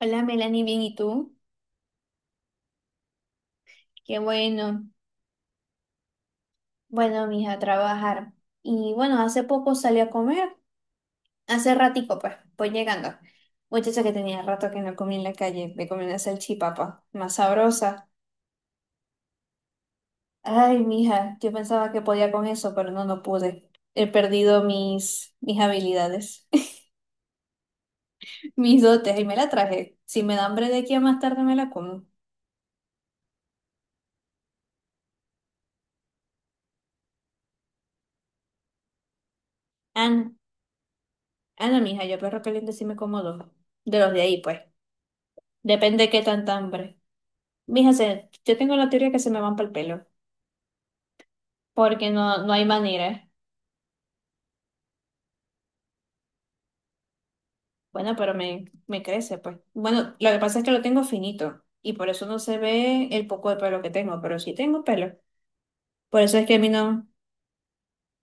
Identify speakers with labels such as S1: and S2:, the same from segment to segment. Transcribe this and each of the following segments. S1: Hola Melanie, bien, ¿y tú? Qué bueno. Bueno, mija, a trabajar. Y bueno, hace poco salí a comer. Hace ratico, pues, voy llegando. Muchacha que tenía rato que no comí en la calle. Me comí una salchipapa, más sabrosa. Ay, mija, yo pensaba que podía con eso, pero no, no pude. He perdido mis habilidades, mis dotes, y me la traje. Si me da hambre de aquí a más tarde me la como. Ana, Ana, mija, yo perro caliente sí me como dos. De los de ahí, pues. Depende de qué tanta hambre. Mija, yo tengo la teoría que se me van para el pelo, porque no hay manera. Bueno, pero me crece, pues. Bueno, lo que pasa es que lo tengo finito y por eso no se ve el poco de pelo que tengo, pero sí tengo pelo. Por eso es que a mí no,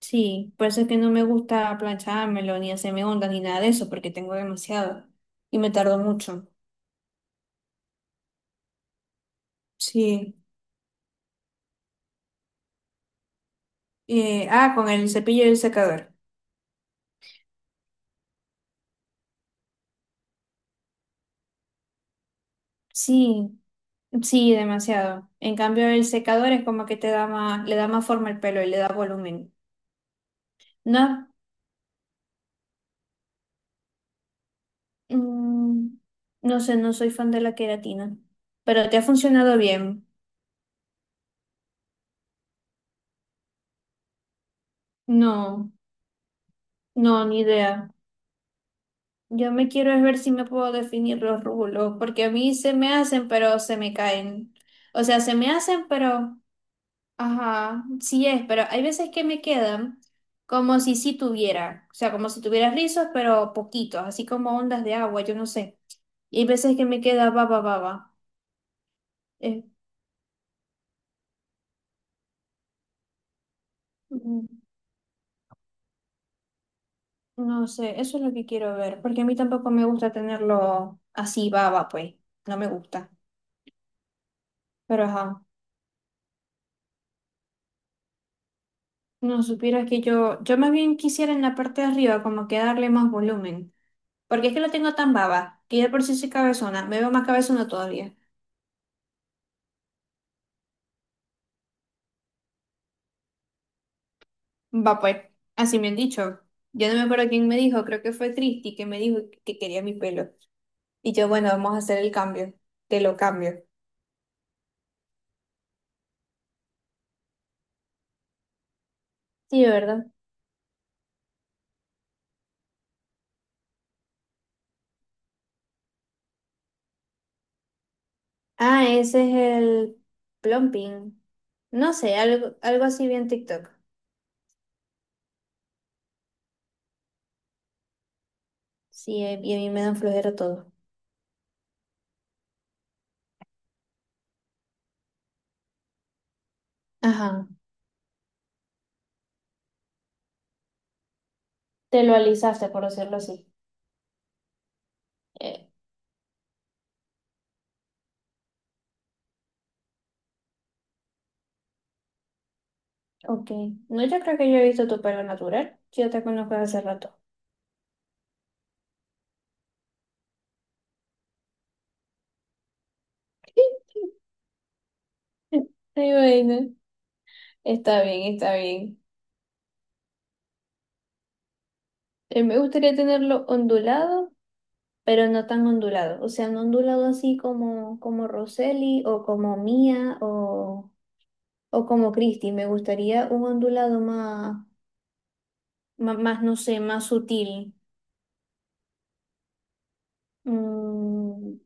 S1: sí, por eso es que no me gusta planchármelo, ni hacerme ondas, ni nada de eso, porque tengo demasiado y me tardo mucho. Sí. Con el cepillo y el secador. Sí, sí, demasiado. En cambio, el secador es como que te da más, le da más forma al pelo y le da volumen. No, mm, no sé, no soy fan de la queratina, pero te ha funcionado bien. No, no, ni idea. Yo me quiero es ver si me puedo definir los rulos, porque a mí se me hacen, pero se me caen. O sea, se me hacen, ajá, sí es, pero hay veces que me quedan como si sí tuviera, o sea, como si tuviera rizos, pero poquitos, así como ondas de agua, yo no sé. Y hay veces que me queda baba, baba. Eh, No sé, eso es lo que quiero ver, porque a mí tampoco me gusta tenerlo así baba, pues, no me gusta. Pero ajá, no supieras que yo más bien quisiera en la parte de arriba como que darle más volumen, porque es que lo tengo tan baba, que ya de por sí soy cabezona, me veo más cabezona todavía. Va pues, así me han dicho. Yo no me acuerdo quién me dijo, creo que fue Cristi que me dijo que quería mi pelo. Y yo, bueno, vamos a hacer el cambio, te lo cambio. Sí, ¿verdad? Ah, ese es el plumping. No sé, algo así bien TikTok. Sí, y a mí me dan flojera todo. Ajá. Te lo alisaste, por decirlo así. Eh, ok. No, yo creo que yo he visto tu pelo natural. Yo te conozco desde hace rato. Ay, bueno. Está bien, está bien. Me gustaría tenerlo ondulado, pero no tan ondulado. O sea, no ondulado así como, como Roseli o como Mía o como Christy. Me gustaría un ondulado más. Más, no sé, más sutil. Mm,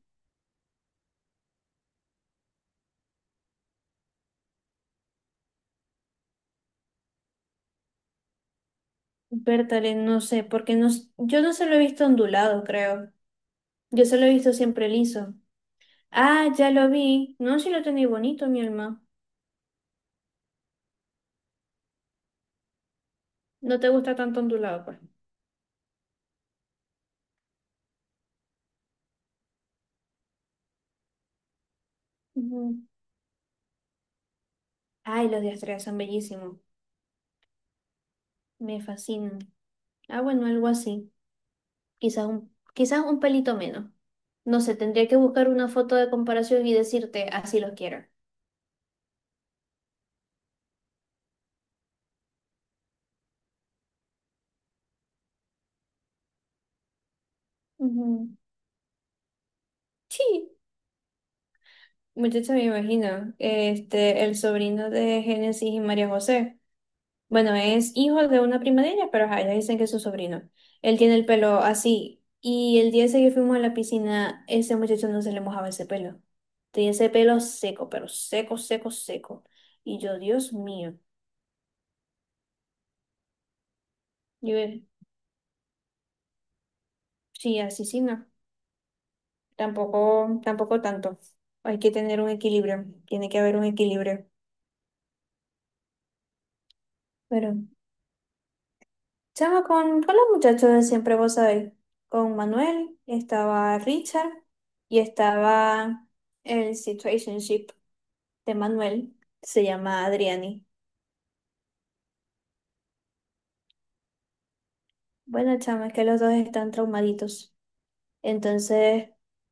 S1: Bertale, no sé, porque yo no se lo he visto ondulado, creo. Yo se lo he visto siempre liso. Ah, ya lo vi. No, si lo tenéis bonito, mi alma. No te gusta tanto ondulado, pues. Ujú. Ay, los diastregas son bellísimos. Me fascinan. Ah, bueno, algo así. Quizás un pelito menos. No sé, tendría que buscar una foto de comparación y decirte, así los quiero. Ujú. Sí. Muchacha, me imagino, este, el sobrino de Génesis y María José. Bueno, es hijo de una prima de ella, pero ajá, ellas dicen que es su sobrino. Él tiene el pelo así. Y el día ese que fuimos a la piscina, ese muchacho no se le mojaba ese pelo. Tenía ese pelo seco, pero seco, seco, seco. Y yo, Dios mío. Yo, sí, así sí, no. Tampoco, tampoco tanto. Hay que tener un equilibrio. Tiene que haber un equilibrio. Pero chama con los muchachos de siempre, vos sabéis. Con Manuel, estaba Richard y estaba el situationship de Manuel. Se llama Adriani. Bueno, chama, es que los dos están traumaditos. Entonces,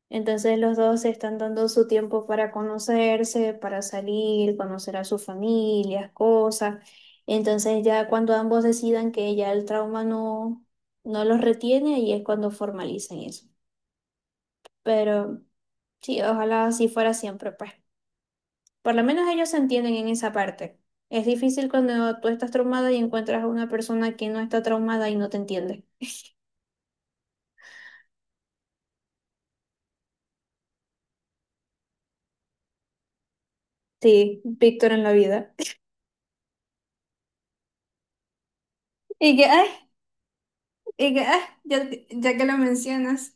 S1: entonces los dos se están dando su tiempo para conocerse, para salir, conocer a sus familias, cosas. Entonces ya cuando ambos decidan que ya el trauma no los retiene, ahí es cuando formalizan eso. Pero sí, ojalá así fuera siempre, pues. Por lo menos ellos se entienden en esa parte. Es difícil cuando tú estás traumada y encuentras a una persona que no está traumada y no te entiende. Sí, Víctor en la vida. Y que, ay, y que, ay, ya, ya que lo mencionas.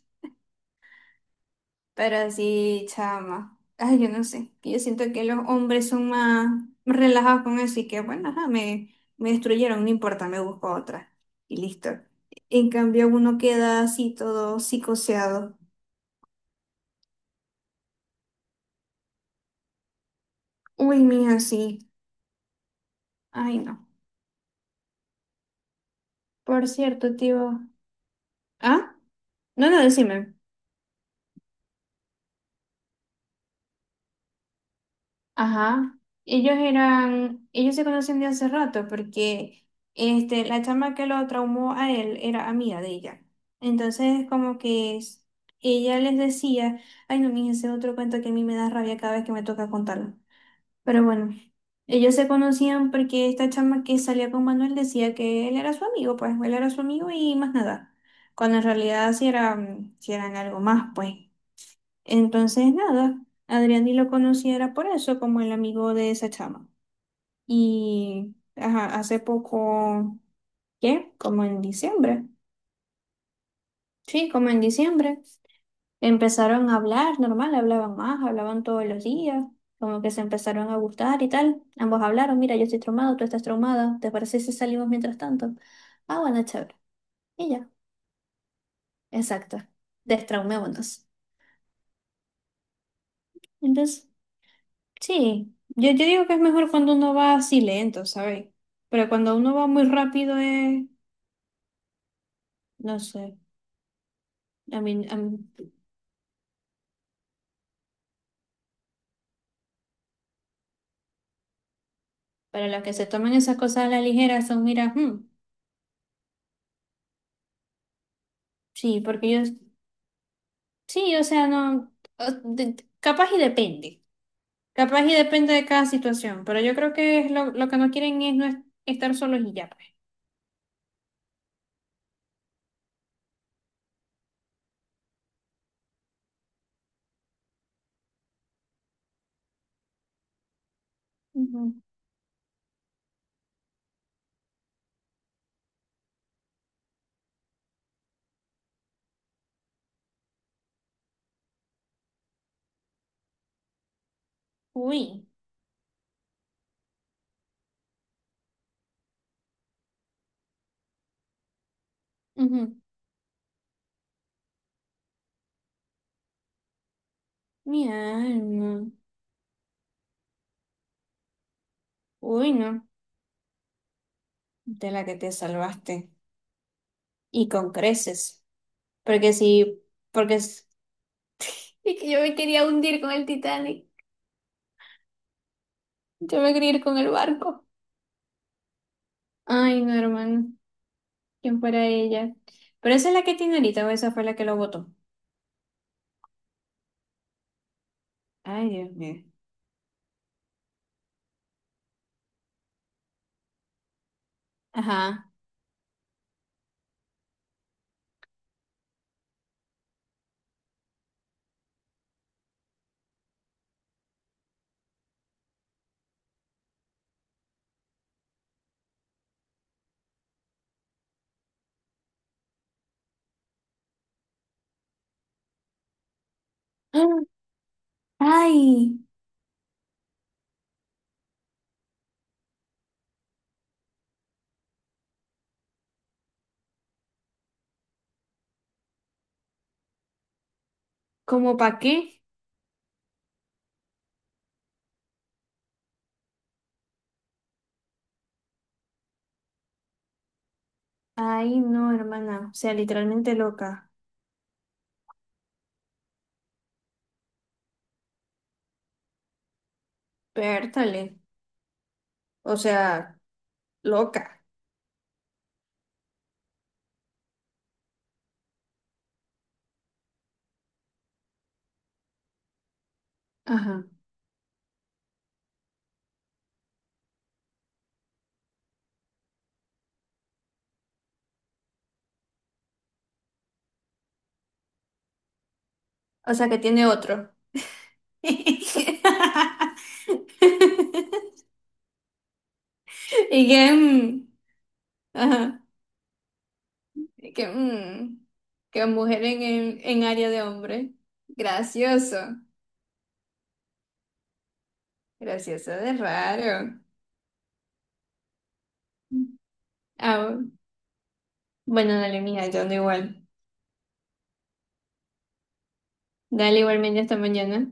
S1: Pero sí, chama. Ay, yo no sé. Yo siento que los hombres son más relajados con eso y que, bueno, ajá, me destruyeron, no importa, me busco otra. Y listo. En cambio, uno queda así todo psicoseado. Uy, mija, sí. Ay, no. Por cierto, tío. ¿Ah? No, no, decime. Ajá. Ellos se conocen de hace rato porque la chama que lo traumó a él era amiga de ella. Entonces, ella les decía, ay, no, mija, ese es otro cuento que a mí me da rabia cada vez que me toca contarlo. Pero bueno, ellos se conocían porque esta chama que salía con Manuel decía que él era su amigo, pues él era su amigo y más nada. Cuando en realidad sí, sí eran algo más, pues. Entonces, nada, Adrián ni lo conocía era por eso, como el amigo de esa chama. Y ajá, hace poco, ¿qué? Como en diciembre. Sí, como en diciembre. Empezaron a hablar, normal, hablaban más, hablaban todos los días, como que se empezaron a gustar y tal. Ambos hablaron, mira, yo estoy traumado, tú estás traumada, ¿te parece si salimos mientras tanto? Ah, bueno, chévere. Y ya, exacto. Destraumémonos. Entonces, sí, yo digo que es mejor cuando uno va así lento, ¿sabes? Pero cuando uno va muy rápido es, no sé, a mí, a mí- para los que se toman esas cosas a la ligera son, mira, hmm, sí, porque yo, sí, o sea, no, capaz y depende. Capaz y depende de cada situación, pero yo creo que es lo que no quieren es no es- estar solos y ya, pues. Ujú. Uy, ujú. Mi alma. Uy, no, de la que te salvaste. Y con creces. Porque si, porque es... Y que yo me quería hundir con el Titanic. Yo me quería ir con el barco. Ay, no, hermano. ¿Quién fuera ella? Pero esa es la que tiene ahorita o esa fue la que lo votó. Ay, Dios mío. Ajá. ¡Ah! Ay, ¿cómo para qué? Ay, no, hermana. O sea, literalmente loca. Pértale. O sea, loca. Ajá. O sea, que tiene otro. Y que, mm, ajá. Y que, mm, que mujer en área de hombre. Gracioso. Gracioso de raro. Ah, bueno, dale, mija, yo ando igual. Dale igualmente hasta mañana.